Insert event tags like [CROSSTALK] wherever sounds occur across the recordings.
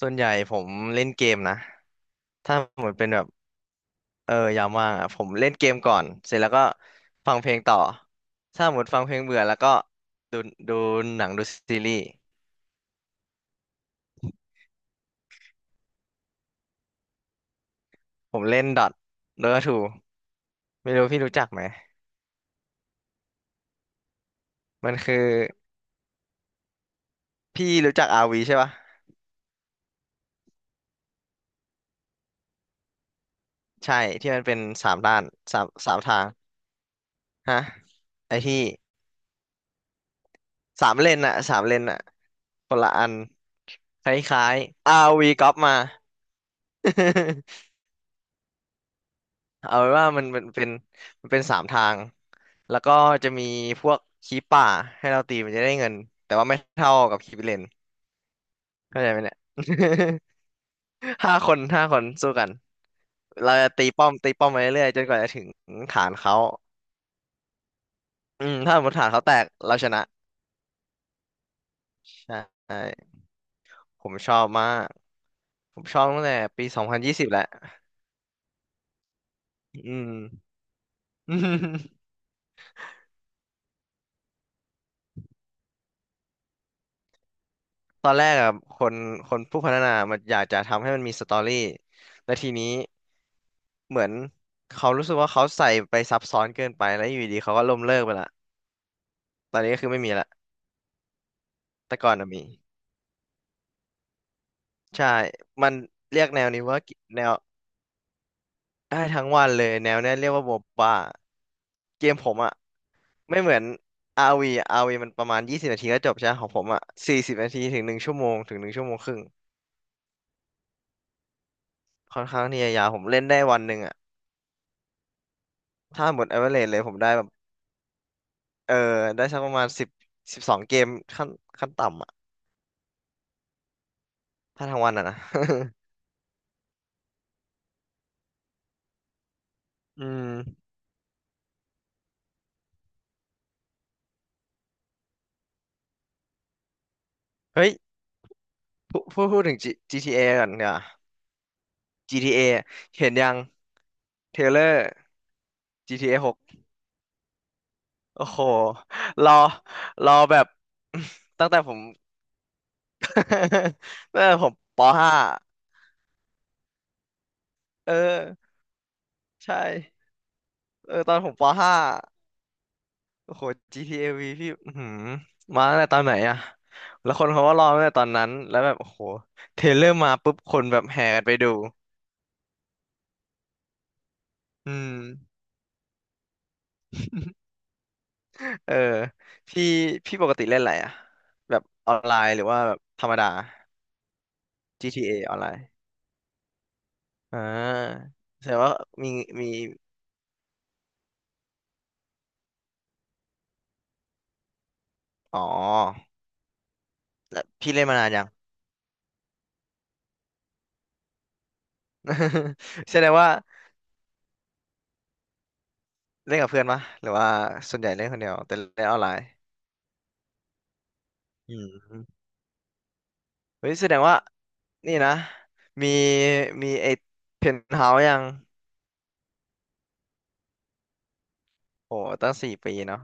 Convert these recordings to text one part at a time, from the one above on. ส่วนใหญ่ผมเล่นเกมนะถ้าเหมือนเป็นแบบยามว่างอ่ะผมเล่นเกมก่อนเสร็จแล้วก็ฟังเพลงต่อ ถ้าหมดฟังเพลงเบื่อแล้วก็ดูดูหนังดูซีรีส์ผมเล่นดอทโดทูไม่รู้พี่รู้จักไหม มันคือพี่รู้จักอาร์วีใช่ปะใช่ที่มันเป็นสามด้านสามทางฮะไอที่สามเลนอะสามเลนอะคนละอันคล้ายๆอาร์วีก๊อปมา [LAUGHS] เอาเป็นว่ามันเป็นสามทางแล้วก็จะมีพวกคีปป่าให้เราตีมันจะได้เงินแต่ว่าไม่เท่ากับคีปเลนเข้าใจไหมเนี่ย [LAUGHS] ห้าคนสู้กันเราจะตีป้อมตีป้อมไปเรื่อยๆจนกว่าจะถึงฐานเขาอืมถ้าสมมติฐานเขาแตกเราชนะใช่ผมชอบมากผมชอบตั้งแต่ปี2020แหละอืม [LAUGHS] ตอนแรกอะคนคนผู้พัฒนามันอยากจะทำให้มันมีสตอรี่และทีนี้ เหมือนเขารู้สึกว่าเขาใส่ไปซับซ้อนเกินไปแล้วอยู่ดีเขาก็ล้มเลิกไปละตอนนี้ก็คือไม่มีละแต่ก่อนน่ะมีใช่มันเรียกแนวนี้ว่าแนวได้ทั้งวันเลยแนวเนี้ยเรียกว่าโมบ้าเกมผมอะไม่เหมือนอาร์วีอาร์วีมันประมาณ20 นาทีก็จบใช่ไหมของผมอะ40 นาทีถึงหนึ่งชั่วโมงถึง1 ชั่วโมงครึ่งค่อนข้างที่จะยาวผมเล่นได้วันหนึ่งอะถ้าหมด average เลยผมได้แบบเออได้สักประมาณสิบ12 เกมขั้นขั้นต่ำอะถ้าทั้งวันอะนะ [LAUGHS] อืมเฮ้ย พูดถึง G- t a ก่อนเนีก่ย GTA เอเห็นยังเทรลเลอร์ GTA 6โอ้โหรอรอแบบ [LAUGHS] ตั้งแต่ผม [LAUGHS] ตั้งแต่ผมปห้าเออใช่ตอนผมปห้าโอ้โห GTA V พี่อื้อหือมาตั้งแต่ตอนไหนอะแล้วคนเขาก็รอตั้งแต่ตอนนั้นแล้วแบบโอ้โหเทรลเลอร์มาปุ๊บคนแบบแห่กันไปดูอืม [LAUGHS] เออพี่พี่ปกติเล่นอะไรอะแบบออนไลน์หรือว่าแบบธรรมดา GTA อออนไลน์อ่าแสดงว่ามีมีอ๋อแล้วพี่เล่นมานานยัง [LAUGHS] แสดงว่าเล่นกับเพื่อนปะหรือว่าส่วนใหญ่เล่นคนเดียวแต่เล่นออนไลน์อืมเฮ้ยแสดงว่านี่นะมีมีไอ้เพนท์เฮาส์ยังโอ้ตั้ง4 ปีเนาะ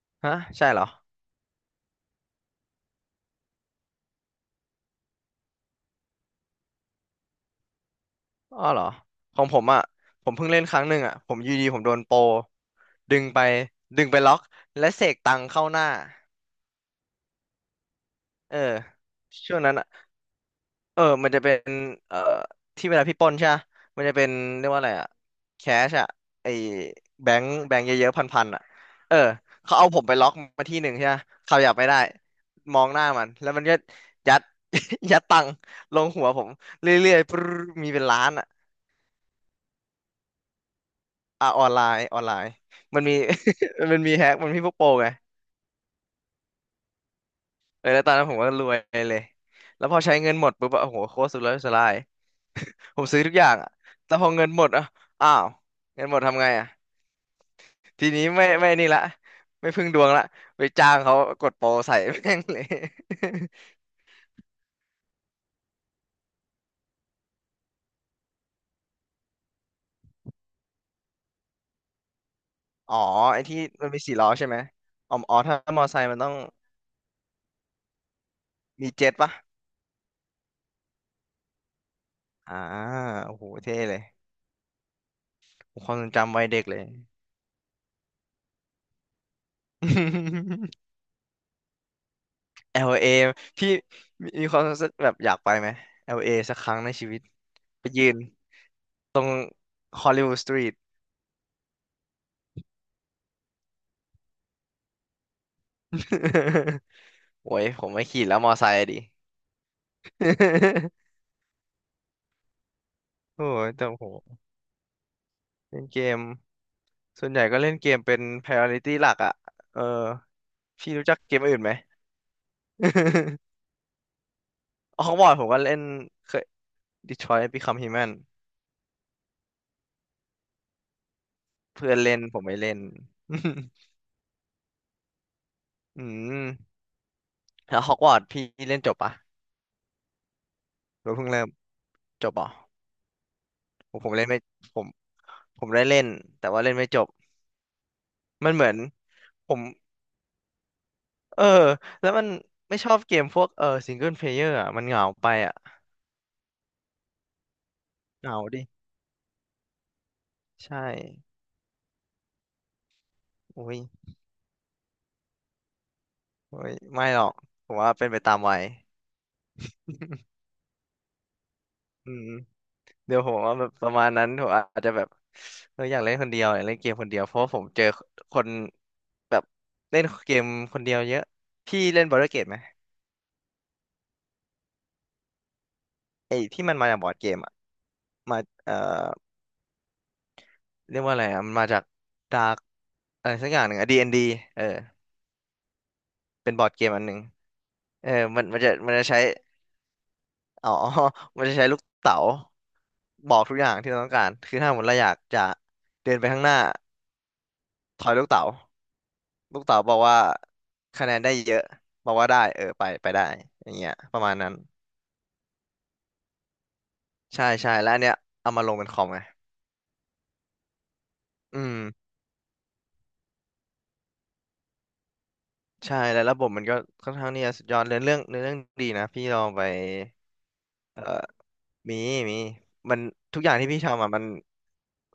[LAUGHS] ฮะใช่เหรออ้อเหรอ ของผมอ่ะผมเพิ่งเล่นครั้งหนึ่งอ่ะผมอยูดีผมโดนโปรดึงไปดึงไปล็อกและเสกตังเข้าหน้า เออช่วงนั้นอะเออมันจะเป็นเอ่อที่เวลาพี่ปล้นใช่ปะมันจะเป็นเรียกว่าอะไรอะแคชอะไอแบงค์แบงค์เยอะๆพันๆอะเออเขาเอาผมไปล็อกมาที่หนึ่งใช่ปะเขาอยากไม่ได้มองหน้ามันแล้วมันก็ยัด [LAUGHS] ยัดตังค์ลงหัวผมเรื่อยๆปรึ๊ดมีเป็นล้านอะอ่ะออนไลน์มันมี [LAUGHS] มันมีแฮกมันมีพวกโปรไงเออแล้วตอนนั้นผมก็รวยเลยแล้วพอใช้เงินหมดปุ๊บอะโอ้โหโคตรสุดเลยสุดลาย ผมซื้อทุกอย่างอ่ะแต่พอเงินหมดอ่ะอ้าว เงินหมดทำไงอ่ะทีนี้ไม่นี่ละไม่พึ่งดวงละไปจ้างเขากดโปรใส่ [LAUGHS] แม่งเลย [LAUGHS] อ๋อ ไอ้ที่มันมีสี่ล้อใช่ไหมอ๋ออ๋อถ้ามอไซค์มันต้องมีเจ็ตปะอ่าโอ้โหเท่เลยผมความทรงจำวัยเด็กเลย [LAUGHS] LA พี่มีความรู้สึกแบบอยากไปไหม LA สักครั้งในชีวิต ไปยืน Hollywood Street [LAUGHS] โอ้ยผมไม่ขี่แล้วมอไซค์อะดิ [LAUGHS] โอ้ยแต่โหเล่นเกมส่วนใหญ่ก็เล่นเกมเป็น priority หลักอ่ะเออพี่รู้จักเกมอื่นไหม [LAUGHS] อ๋อของบอร์ดผมก็เล่นเคย Detroit Become Human เพื่อนเล่นผมไม่เล่น [LAUGHS] อืมแล้วฮอกวอตส์พี่เล่นจบปะหรือเพิ่งเริ่มจบปะผมเล่นไม่ผมผมได้เล่นแต่ว่าเล่นไม่จบมันเหมือนผมเออแล้วมันไม่ชอบเกมพวกซิงเกิลเพลเยอร์อ่ะมันเหงาไปอ่ะเหงาดิใช่โอ้ย เฮ้ยไม่หรอกผมว่าเป็นไปตามวัยอืมเดี๋ยวผมว่าแบบประมาณนั้นผมอาจจะแบบอยากเล่นคนเดียวอยากเล่นเกมคนเดียวเพราะว่าผมเจอคนแบบเล่นเกมคนเดียวเยอะพี่เล่นบอร์ดเกมไหมไอ้ที่มันมาจากบอร์ดเกมอ่ะมาเอ่อเรียกว่าอะไรอ่ะมันมาจากดาร์กอะไรสักอย่างหนึ่งอะดีเอ็นดีเออเป็นบอร์ดเกมอันหนึ่งเออมันจะใช้อ๋อ [LAUGHS] มันจะใช้ลูกเต๋าบอกทุกอย่างที่เราต้องการคือถ้าสมมติเราอยากจะเดินไปข้างหน้าถอยลูกเต๋า ลูกเต๋าบอกว่าคะแนนได้เยอะบอกว่าได้ไปไปได้อย่างเงี้ยประมาณนั้นใช่ใช่แล้วอันเนี้ยเอามาลงเป็นคอมไงอืมใช่แล้วระบบมันก็ค่อนข้างที่จะสุดยอดเรื่องเนื้อเรื่องดีนะพี่ลองไปมีมีมันทุกอย่างที่พี่ทำอ่ะ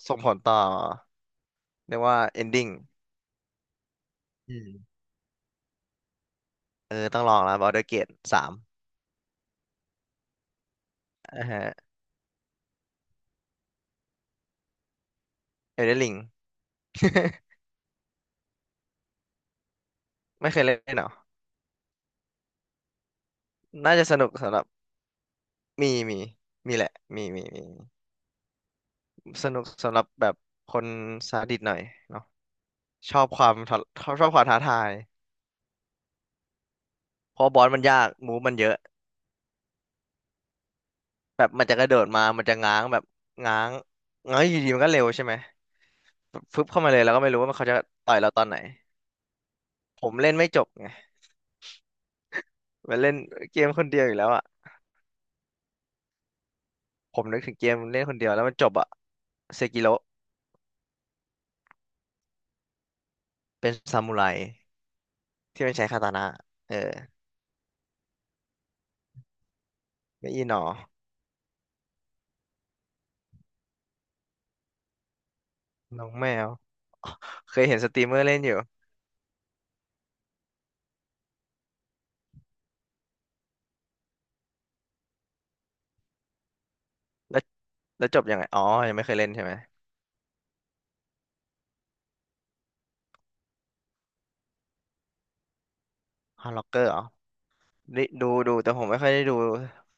ส่งผลต่อเรียกว่า ending อืมเออต้องลองแล้ว Baldur's Gate 3อ่าฮะ Elden Ring [LAUGHS] ไม่เคยเล่นเหรอน่าจะสนุกสำหรับมีมีมีแหละมีมีมี สนุกสำหรับแบบคนซาดิสหน่อยเนาะชอบความท้าชอบความท้าทายเพราะบอสมันยากมูฟมันเยอะแบบมันจะกระโดดมามันจะง้างแบบง้างง้างอยู่ดีมันก็เร็วใช่ไหมฟึบเข้ามาเลยแล้วก็ไม่รู้ว่าเขาจะต่อยเราตอนไหนผมเล่นไม่จบไงมันเล่นเกมคนเดียวอยู่แล้วอ่ะผมนึกถึงเกมเล่นคนเดียวแล้วมันจบอ่ะเซกิโรเป็นซามูไรที่มันใช้คาตานะเออไม่อีหนอน้องแมวเคยเห็นสตรีมเมอร์เล่นอยู่แล้วจบยังไงอ๋อยังไม่เคยเล่นใช่ไหม ฮอลล็อกเกอร์เหรอนี่ดูดูแต่ผมไม่ค่อยได้ดู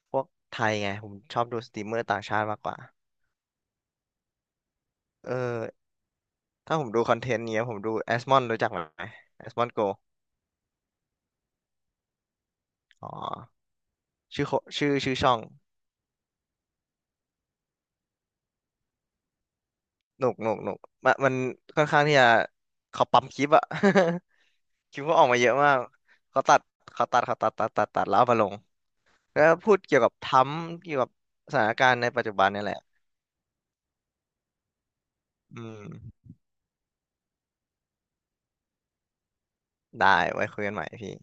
พวกไทยไงผมชอบดูสตรีมเมอร์ต่างชาติมากกว่าเออถ้าผมดูคอนเทนต์เนี้ยผมดูแอสมอนรู้จักไหมแอสมอนโกอ๋อชื่อโคชื่อช่องหนุกหนุกหนุกมันมันค่อนข้างที่จะเขาปั๊มคลิปอะ [LAUGHS] คลิปเขาออกมาเยอะมากเขาตัดเขาตัดแล้วเอามาลงแล้วพูดเกี่ยวกับทรัมป์เกี่ยวกับสถานการณ์ในปัจจุบันนี่แหละอืมได้ไว้คุยกันใหม่พี่